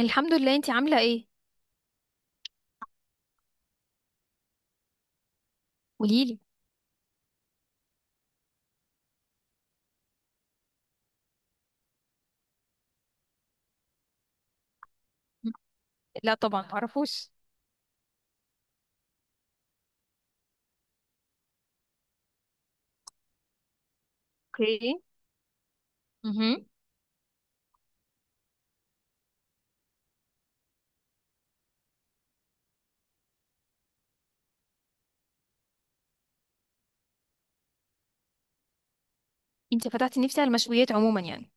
الحمد لله، انتي عاملة ايه؟ قوليلي. مم. لا طبعا معرفوش. اوكي. امم انتي فتحتي نفسي على المشويات عموما يعني.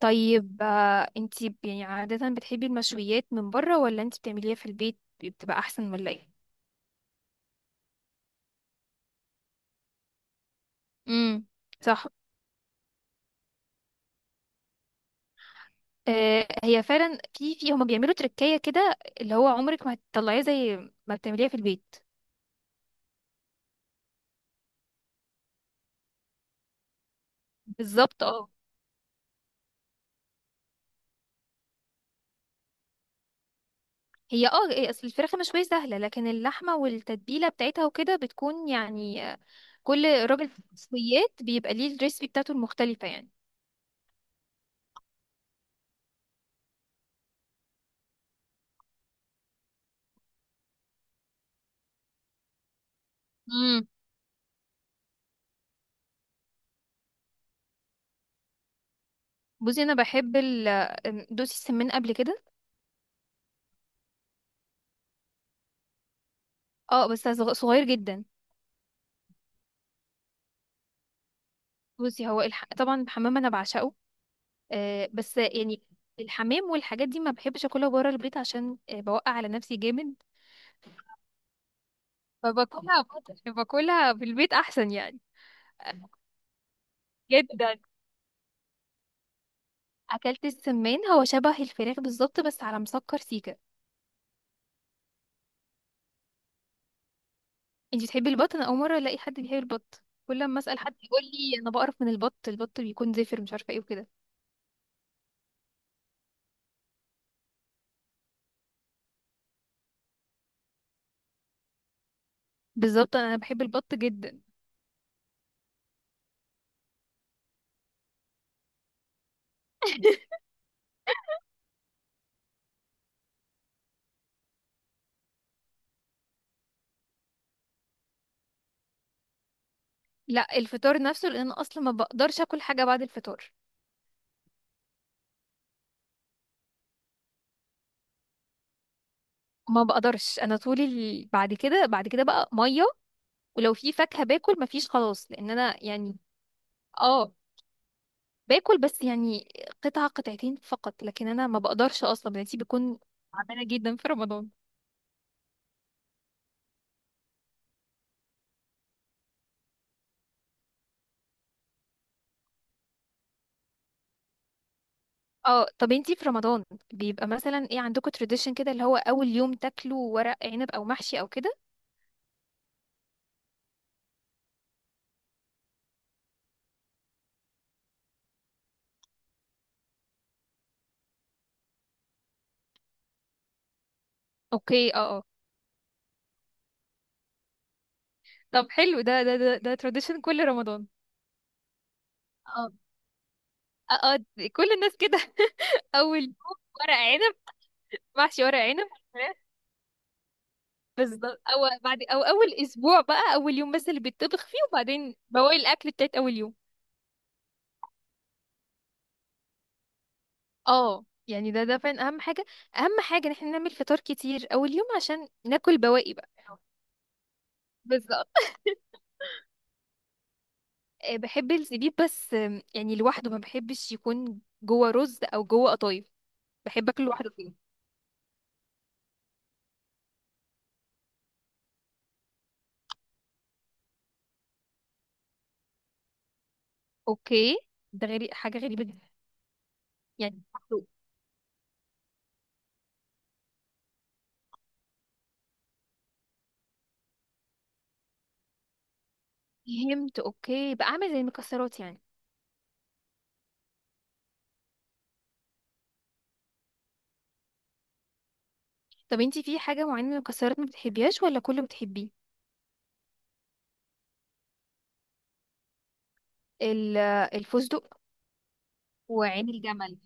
طيب انتي يعني عادة بتحبي المشويات من بره ولا انتي بتعمليها في البيت؟ بتبقى احسن ولا ايه؟ امم. صح. آه، هي فعلا في هما بيعملوا تركية كده اللي هو عمرك ما هتطلعيه زي ما بتعمليها في البيت. بالظبط اه. هي اه إيه، اصل الفراخ المشوية سهلة، لكن اللحمة والتتبيلة بتاعتها وكده بتكون يعني كل راجل في المشويات بيبقى ليه الريسبي بتاعته المختلفة يعني. امم. بصي انا بحب ال دوسي السمان قبل كده. اه بس صغير جدا. طبعا الحمام انا بعشقه. آه بس يعني الحمام والحاجات دي ما بحبش اكلها بره البيت عشان بوقع على نفسي جامد. باكلها في البيت احسن يعني. جدا. اكلت السمان، هو شبه الفراخ بالظبط بس على مسكر سيكا. انتي بتحبي البط؟ انا اول مره الاقي حد بيحب البط، كل ما اسال حد يقول لي انا بقرف من البط، البط بيكون زفر مش عارفه ايه وكده. بالظبط، انا بحب البط جدا. لا الفطار نفسه، لان انا اصلا ما بقدرش اكل حاجه بعد الفطار. ما بقدرش، بعد كده بعد كده بقى ميه، ولو في فاكهه باكل، مفيش خلاص، لان انا يعني. اه باكل بس يعني قطعه قطعتين فقط، لكن انا ما بقدرش، اصلا مناعتي بيكون تعبانه جدا في رمضان. اه طب انتي في رمضان بيبقى مثلا ايه عندكم تراديشن كده اللي هو اول يوم تاكلوا ورق عنب او محشي او كده؟ اوكي، اه اه. طب حلو، ده تراديشن كل رمضان؟ اه اه كل الناس كده. اول يوم ورق عنب، محشي ورق عنب، فراخ. بالظبط، او بعد، او اول اسبوع بقى اول يوم بس اللي بيتطبخ فيه وبعدين بواقي الاكل بتاعت اول يوم. اه يعني ده فعلا اهم حاجه، اهم حاجه ان احنا نعمل فطار كتير اول يوم عشان ناكل بواقي بقى. بالظبط. بحب الزبيب بس يعني لوحده، ما بحبش يكون جوه رز او جوه قطايف. بحب اكله لوحده كده. اوكي. حاجه غريبه جدا. يعني لوحده. فهمت اوكي، بقى عامل زي المكسرات يعني. طب انتي في حاجه معينه من المكسرات ما بتحبيهاش ولا كله بتحبيه؟ ال- الفستق، وعين الجمل.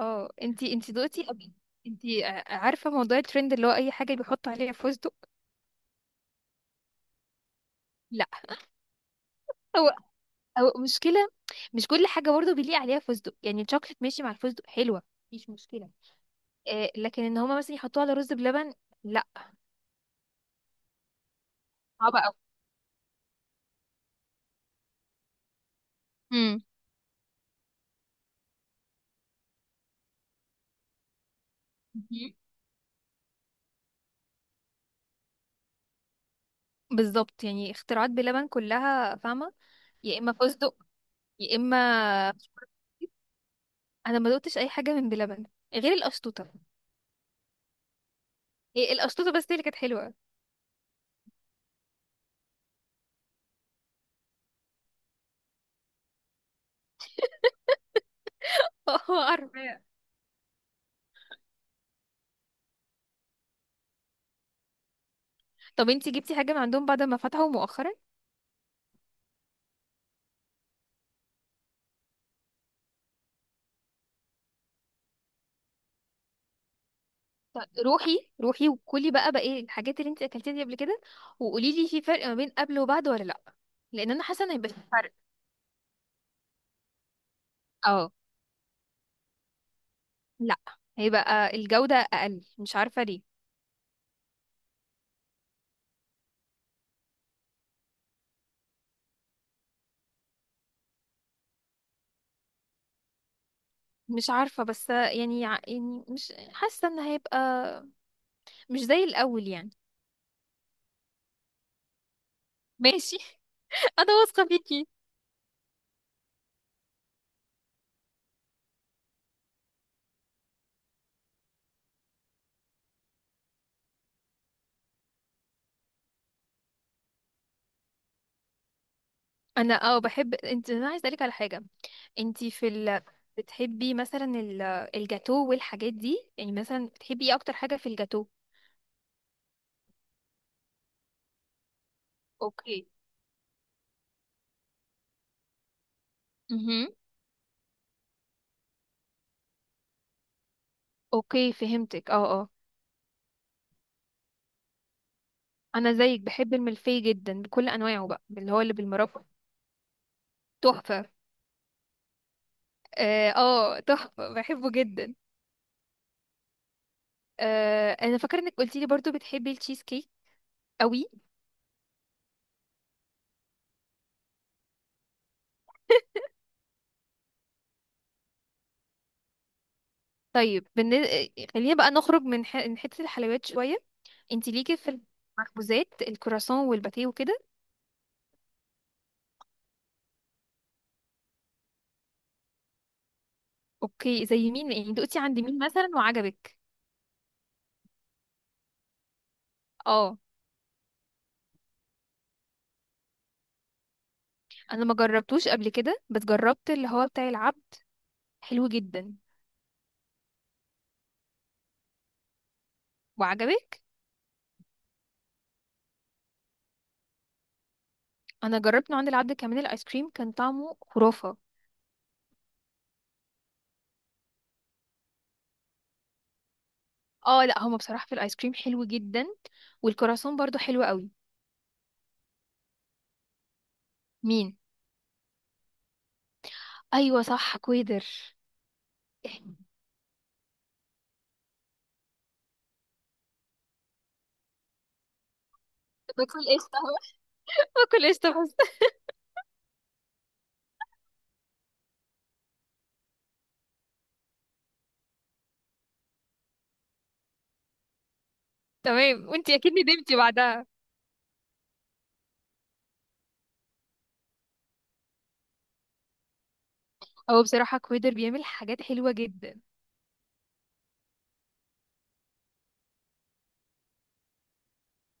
اه انتي دقتي قبل؟ انتي عارفه موضوع الترند اللي هو اي حاجه بيحط عليها فستق؟ لا. هو او مشكله، مش كل حاجه برضه بيليق عليها فستق، يعني الشوكليت ماشي مع الفستق حلوه، مفيش مشكله، آه، لكن ان هما مثلا يحطوه على رز بلبن، لا، صعب قوي. امم. بالظبط يعني اختراعات بلبن كلها فاهمه. يا اما فستق، يا اما. انا ما دقتش اي حاجه من بلبن غير القشطوطه. هي القشطوطه بس هي اللي كانت حلوه. قرف. طب انتي جبتي حاجه من عندهم بعد ما فتحوا مؤخرا؟ روحي روحي وكلي بقى، بقى ايه الحاجات اللي انت اكلتيها دي قبل كده، وقولي لي في فرق ما بين قبل وبعد ولا لا، لان انا حاسه ان هيبقى في فرق. اه. لا، هيبقى الجوده اقل، مش عارفه ليه. مش عارفه، بس يعني يعني مش حاسه ان هيبقى مش زي الاول يعني. ماشي. انا واثقه فيكي. انا اه بحب انت، انا عايزه اسالك على حاجه، انت بتحبي مثلا الجاتو والحاجات دي؟ يعني مثلا بتحبي ايه اكتر حاجه في الجاتو؟ اوكي. مهم. اوكي فهمتك اه اه. انا زيك بحب الملفي جدا بكل انواعه بقى اللي هو اللي بالمربى. تحفه. اه تحفه بحبه جدا. آه انا فاكره انك قلتي لي برضو بتحبي التشيز كيك قوي. طيب بالن... آه، خلينا بقى نخرج من من حته الحلويات شويه. انت ليكي في المخبوزات الكراسون والباتيه وكده؟ اوكي زي مين يعني؟ دقتي عند مين مثلا وعجبك؟ اه انا ما جربتوش قبل كده، بس جربت اللي هو بتاع العبد، حلو جدا. وعجبك؟ انا جربت نوع عند العبد كمان، الايس كريم كان طعمه خرافه. اه لا هما بصراحه في الايس كريم حلو جدا، والكراسون برضو حلو قوي. مين؟ ايوه صح كويدر. باكل قشطه، باكل قشطه بس. تمام، وانتي اكيد ندمتي بعدها. هو بصراحه كويدر بيعمل حاجات حلوه جدا.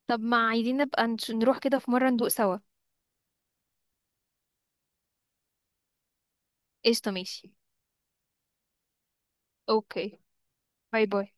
طب ما عايزين نبقى نروح كده في مره ندوق سوا؟ قشطه ماشي. اوكي. باي باي.